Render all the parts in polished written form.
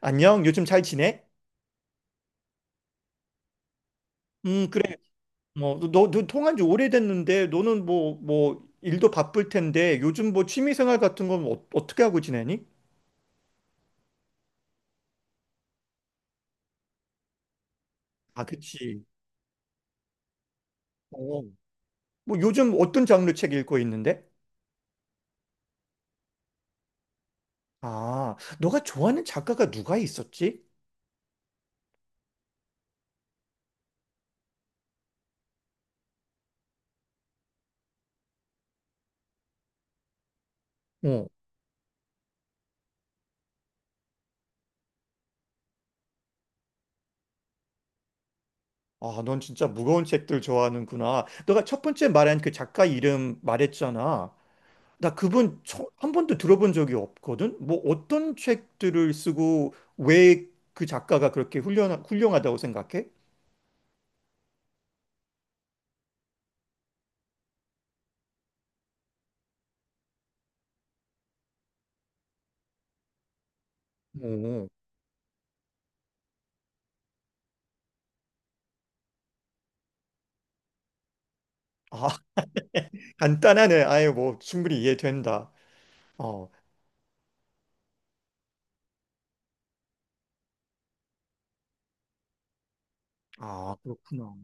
안녕, 요즘 잘 지내? 그래. 뭐, 너 통한 지 오래됐는데, 너는 뭐, 일도 바쁠 텐데, 요즘 뭐 취미생활 같은 건 어떻게 하고 지내니? 아, 그치. 어. 뭐, 요즘 어떤 장르 책 읽고 있는데? 아, 너가 좋아하는 작가가 누가 있었지? 어. 아, 넌 진짜 무거운 책들 좋아하는구나. 너가 첫 번째 말한 그 작가 이름 말했잖아. 나 그분 한 번도 들어본 적이 없거든. 뭐 어떤 책들을 쓰고 왜 그 작가가 그렇게 훌륭하다고 생각해? 오. 아, 간단하네. 아예 뭐 충분히 이해된다. 어. 아, 그렇구나.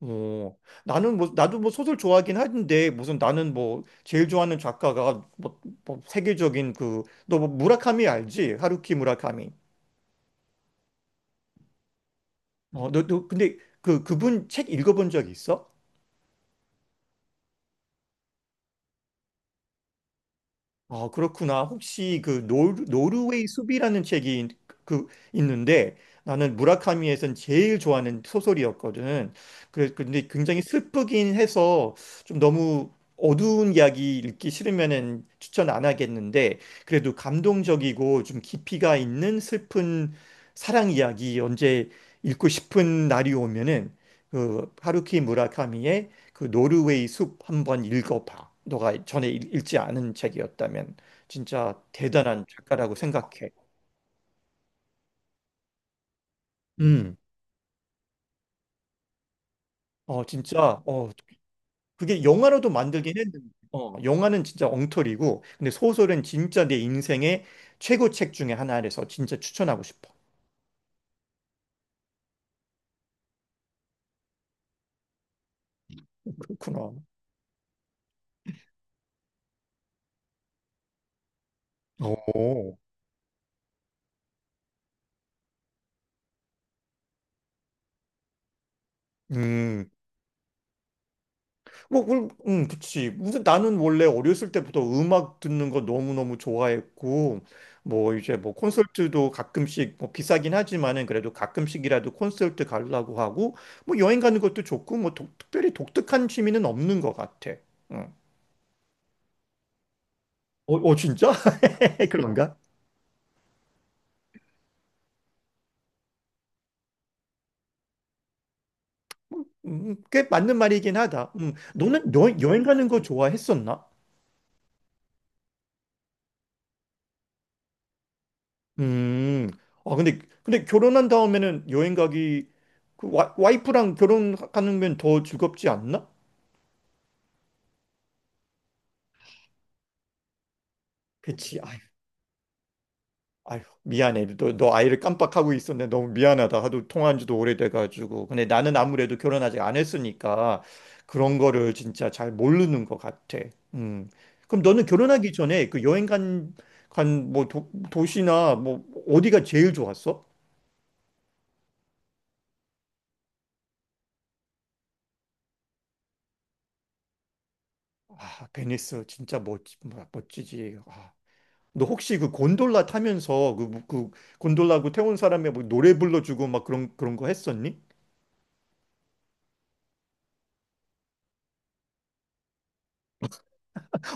어. 나는 뭐 나도 뭐 소설 좋아하긴 하는데 무슨 나는 뭐 제일 좋아하는 작가가 뭐 세계적인 그 너 뭐 무라카미 알지? 하루키 무라카미. 어, 너 근데 그 그분 책 읽어본 적 있어? 아, 그렇구나. 혹시 그 노르웨이 숲이라는 책이 그 있는데 나는 무라카미에선 제일 좋아하는 소설이었거든. 그래 근데 굉장히 슬프긴 해서 좀 너무 어두운 이야기 읽기 싫으면은 추천 안 하겠는데 그래도 감동적이고 좀 깊이가 있는 슬픈 사랑 이야기 언제 읽고 싶은 날이 오면은 그 하루키 무라카미의 그 노르웨이 숲 한번 읽어봐. 너가 전에 읽지 않은 책이었다면 진짜 대단한 작가라고 생각해. 음. 어, 진짜 어 그게 영화로도 만들긴 했는데 어, 영화는 진짜 엉터리고 근데 소설은 진짜 내 인생의 최고 책 중에 하나라서 진짜 추천하고 싶어. 그렇구나. 오. 음. 뭐, 그치. 무슨 나는 원래 어렸을 때부터 음악 듣는 거 너무너무 좋아했고, 뭐 이제 뭐 콘서트도 가끔씩 뭐 비싸긴 하지만은 그래도 가끔씩이라도 콘서트 가려고 하고, 뭐 여행 가는 것도 좋고, 뭐 특별히 독특한 취미는 없는 것 같아. 응. 진짜? 그런가? 꽤 맞는 말이긴 하다. 너는 여행 가는 거 좋아했었나? 음. 아, 근데 결혼한 다음에는 여행 가기, 그 와이프랑 결혼하면 더 즐겁지 않나? 그치. 아휴, 아휴, 미안해. 너 아이를 깜빡하고 있었네. 너무 미안하다. 하도 통화한 지도 오래돼가지고. 근데 나는 아무래도 결혼 아직 안 했으니까 그런 거를 진짜 잘 모르는 것 같아. 음. 그럼 너는 결혼하기 전에 그 간 뭐 도시나 뭐 어디가 제일 좋았어? 아, 베니스 멋지지. 아. 너 혹시 그 곤돌라 타면서 그 곤돌라고 태운 사람의 뭐 노래 불러주고 막 그런 거 했었니?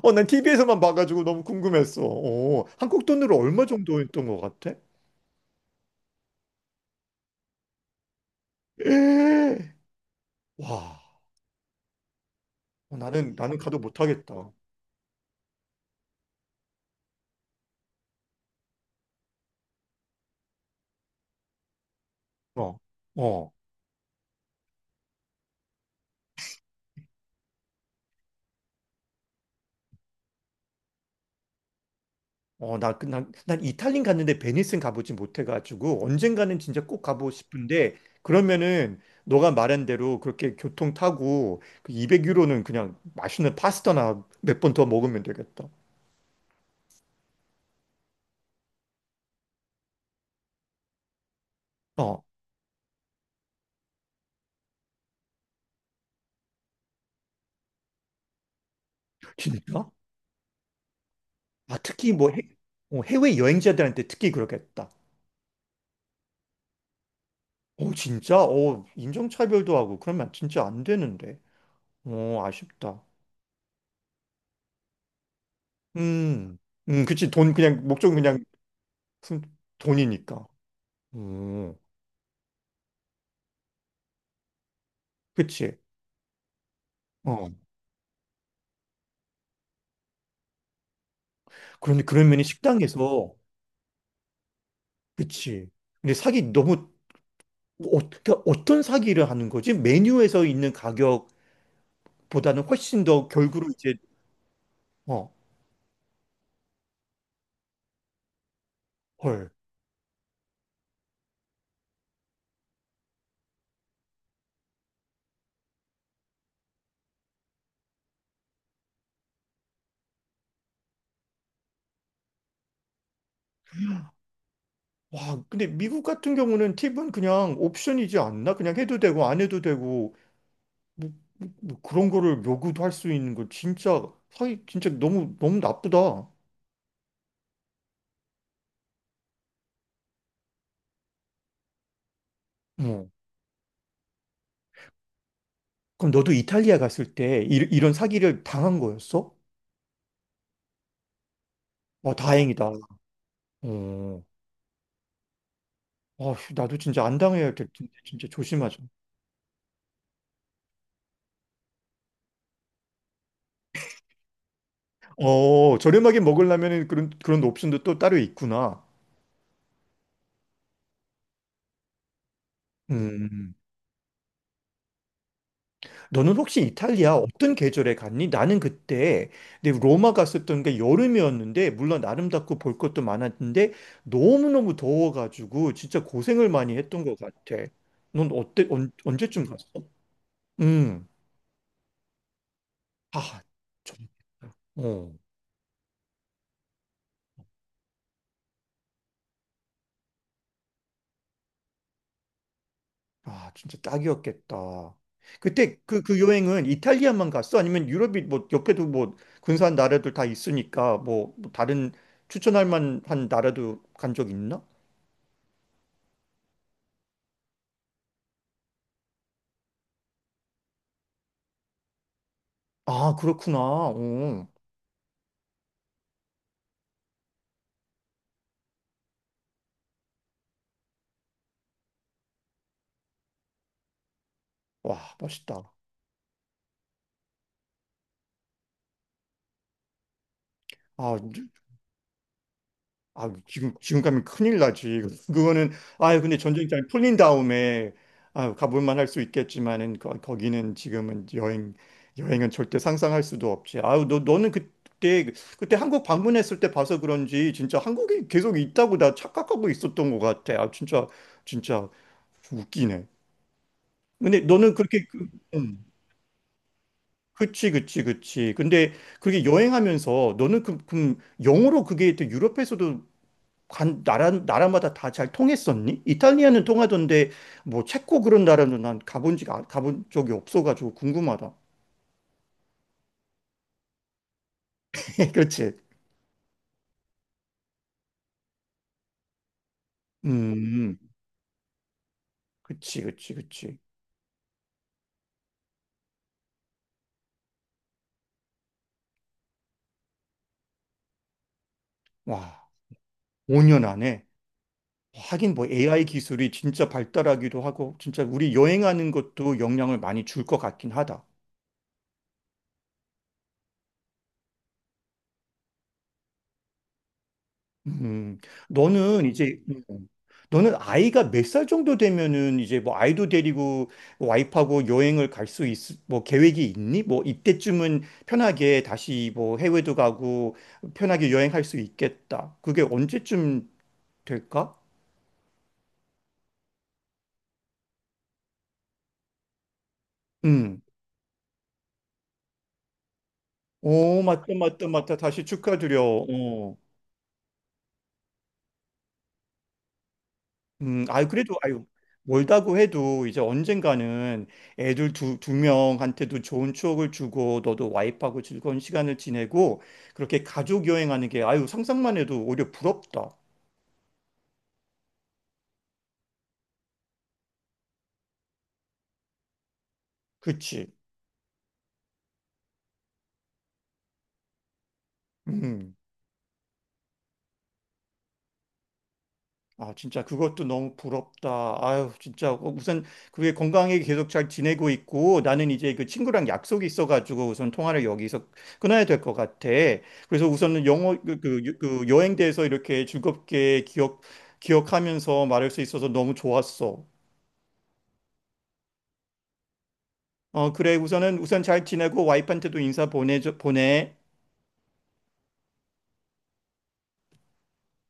어, 난 TV에서만 봐가지고 너무 궁금했어. 어, 한국 돈으로 얼마 정도 했던 것 같아? 에 와, 어, 나는 가도 못하겠다. 어, 어, 어, 난 이탈리아 갔는데 베니스는 가보지 못해가지고 언젠가는 진짜 꼭 가보고 싶은데 그러면은 너가 말한 대로 그렇게 교통 타고 그 200유로는 그냥 맛있는 파스타나 몇 번 더 먹으면 되겠다. 어. 진짜? 아, 특히 어, 해외 여행자들한테 특히 그러겠다. 어, 진짜? 어, 인종차별도 하고 그러면 진짜 안 되는데. 어, 아쉽다. 음, 그치. 돈 그냥 목적은 순- 돈이니까. 음, 그치. 어, 그런데 그런 면이 식당에서 그치. 근데 사기 너무 어떻게 어떤 사기를 하는 거지? 메뉴에서 있는 가격보다는 훨씬 더 결국은 이제 어, 헐. 와, 근데 미국 같은 경우는 팁은 그냥 옵션이지 않나? 그냥 해도 되고 안 해도 되고 뭐, 뭐 그런 거를 요구도 할 수 있는 거 진짜 사기 진짜 너무 너무 나쁘다. 어. 그럼 너도 이탈리아 갔을 때 런 사기를 당한 거였어? 와, 다행이다. 어. 아, 나도 진짜 안 당해야 될 텐데 진짜 조심하자. 어, 저렴하게 먹으려면 그런 옵션도 또 따로 있구나. 음. 너는 혹시 이탈리아 어떤 계절에 갔니? 나는 그때 내 로마 갔었던 게 여름이었는데 물론 아름답고 볼 것도 많았는데 너무너무 더워가지고 진짜 고생을 많이 했던 것 같아. 넌 어때? 언제쯤 갔어? 음. 아, 좀, 어. 아, 진짜 딱이었겠다. 그때 그 여행은 이탈리아만 갔어? 아니면 유럽이 뭐 옆에도 뭐 근사한 나라들 다 있으니까 뭐뭐 다른 추천할 만한 나라도 간 적 있나? 아, 그렇구나. 어. 와, 멋있다. 아, 이제- 아, 지금 가면 큰일 나지. 그거는, 아 근데 전쟁장이 풀린 다음에, 아 가볼만 할 수 있겠지만은, 거기는 지금은 여행은 절대 상상할 수도 없지. 아유, 그때 한국 방문했을 때 봐서 그런지, 진짜 한국이 계속 있다고 나 착각하고 있었던 것 같아. 아, 진짜, 진짜 웃기네. 근데 너는 그렇게, 그- 음, 그치, 그치, 그치. 근데 그게 여행하면서 너는 그, 그 영어로 그게 또 유럽에서도 나라마다 다 잘 통했었니? 이탈리아는 통하던데, 뭐, 체코 그런 나라는 난 가본 적이 없어가지고 궁금하다. 그렇지. 음, 그치, 그치, 그치. 와, 5년 안에. 하긴 뭐 AI 기술이 진짜 발달하기도 하고, 진짜 우리 여행하는 것도 영향을 많이 줄 것 같긴 하다. 음, 너는 이제 너는 아이가 몇 살 정도 되면은 이제 뭐 아이도 데리고 와이프하고 여행을 갈 수 있, 뭐 계획이 있니? 뭐 이때쯤은 편하게 다시 뭐 해외도 가고 편하게 여행할 수 있겠다. 그게 언제쯤 될까? 음. 오, 맞다, 맞다, 맞다. 다시 축하드려. 어. 아유, 그래도, 아유, 멀다고 해도 이제 언젠가는 애들 두 명한테도 좋은 추억을 주고 너도 와이프하고 즐거운 시간을 지내고 그렇게 가족 여행하는 게 아유, 상상만 해도 오히려 부럽다. 그치? 음. 아, 진짜 그것도 너무 부럽다. 아유, 진짜 어, 우선 그게 건강하게 계속 잘 지내고 있고 나는 이제 그 친구랑 약속이 있어가지고 우선 통화를 여기서 끊어야 될 것 같아. 그래서 우선은 영어 그 여행대에서 이렇게 즐겁게 기억하면서 말할 수 있어서 너무 좋았어. 어, 그래 우선은 우선 잘 지내고 와이프한테도 인사 보내.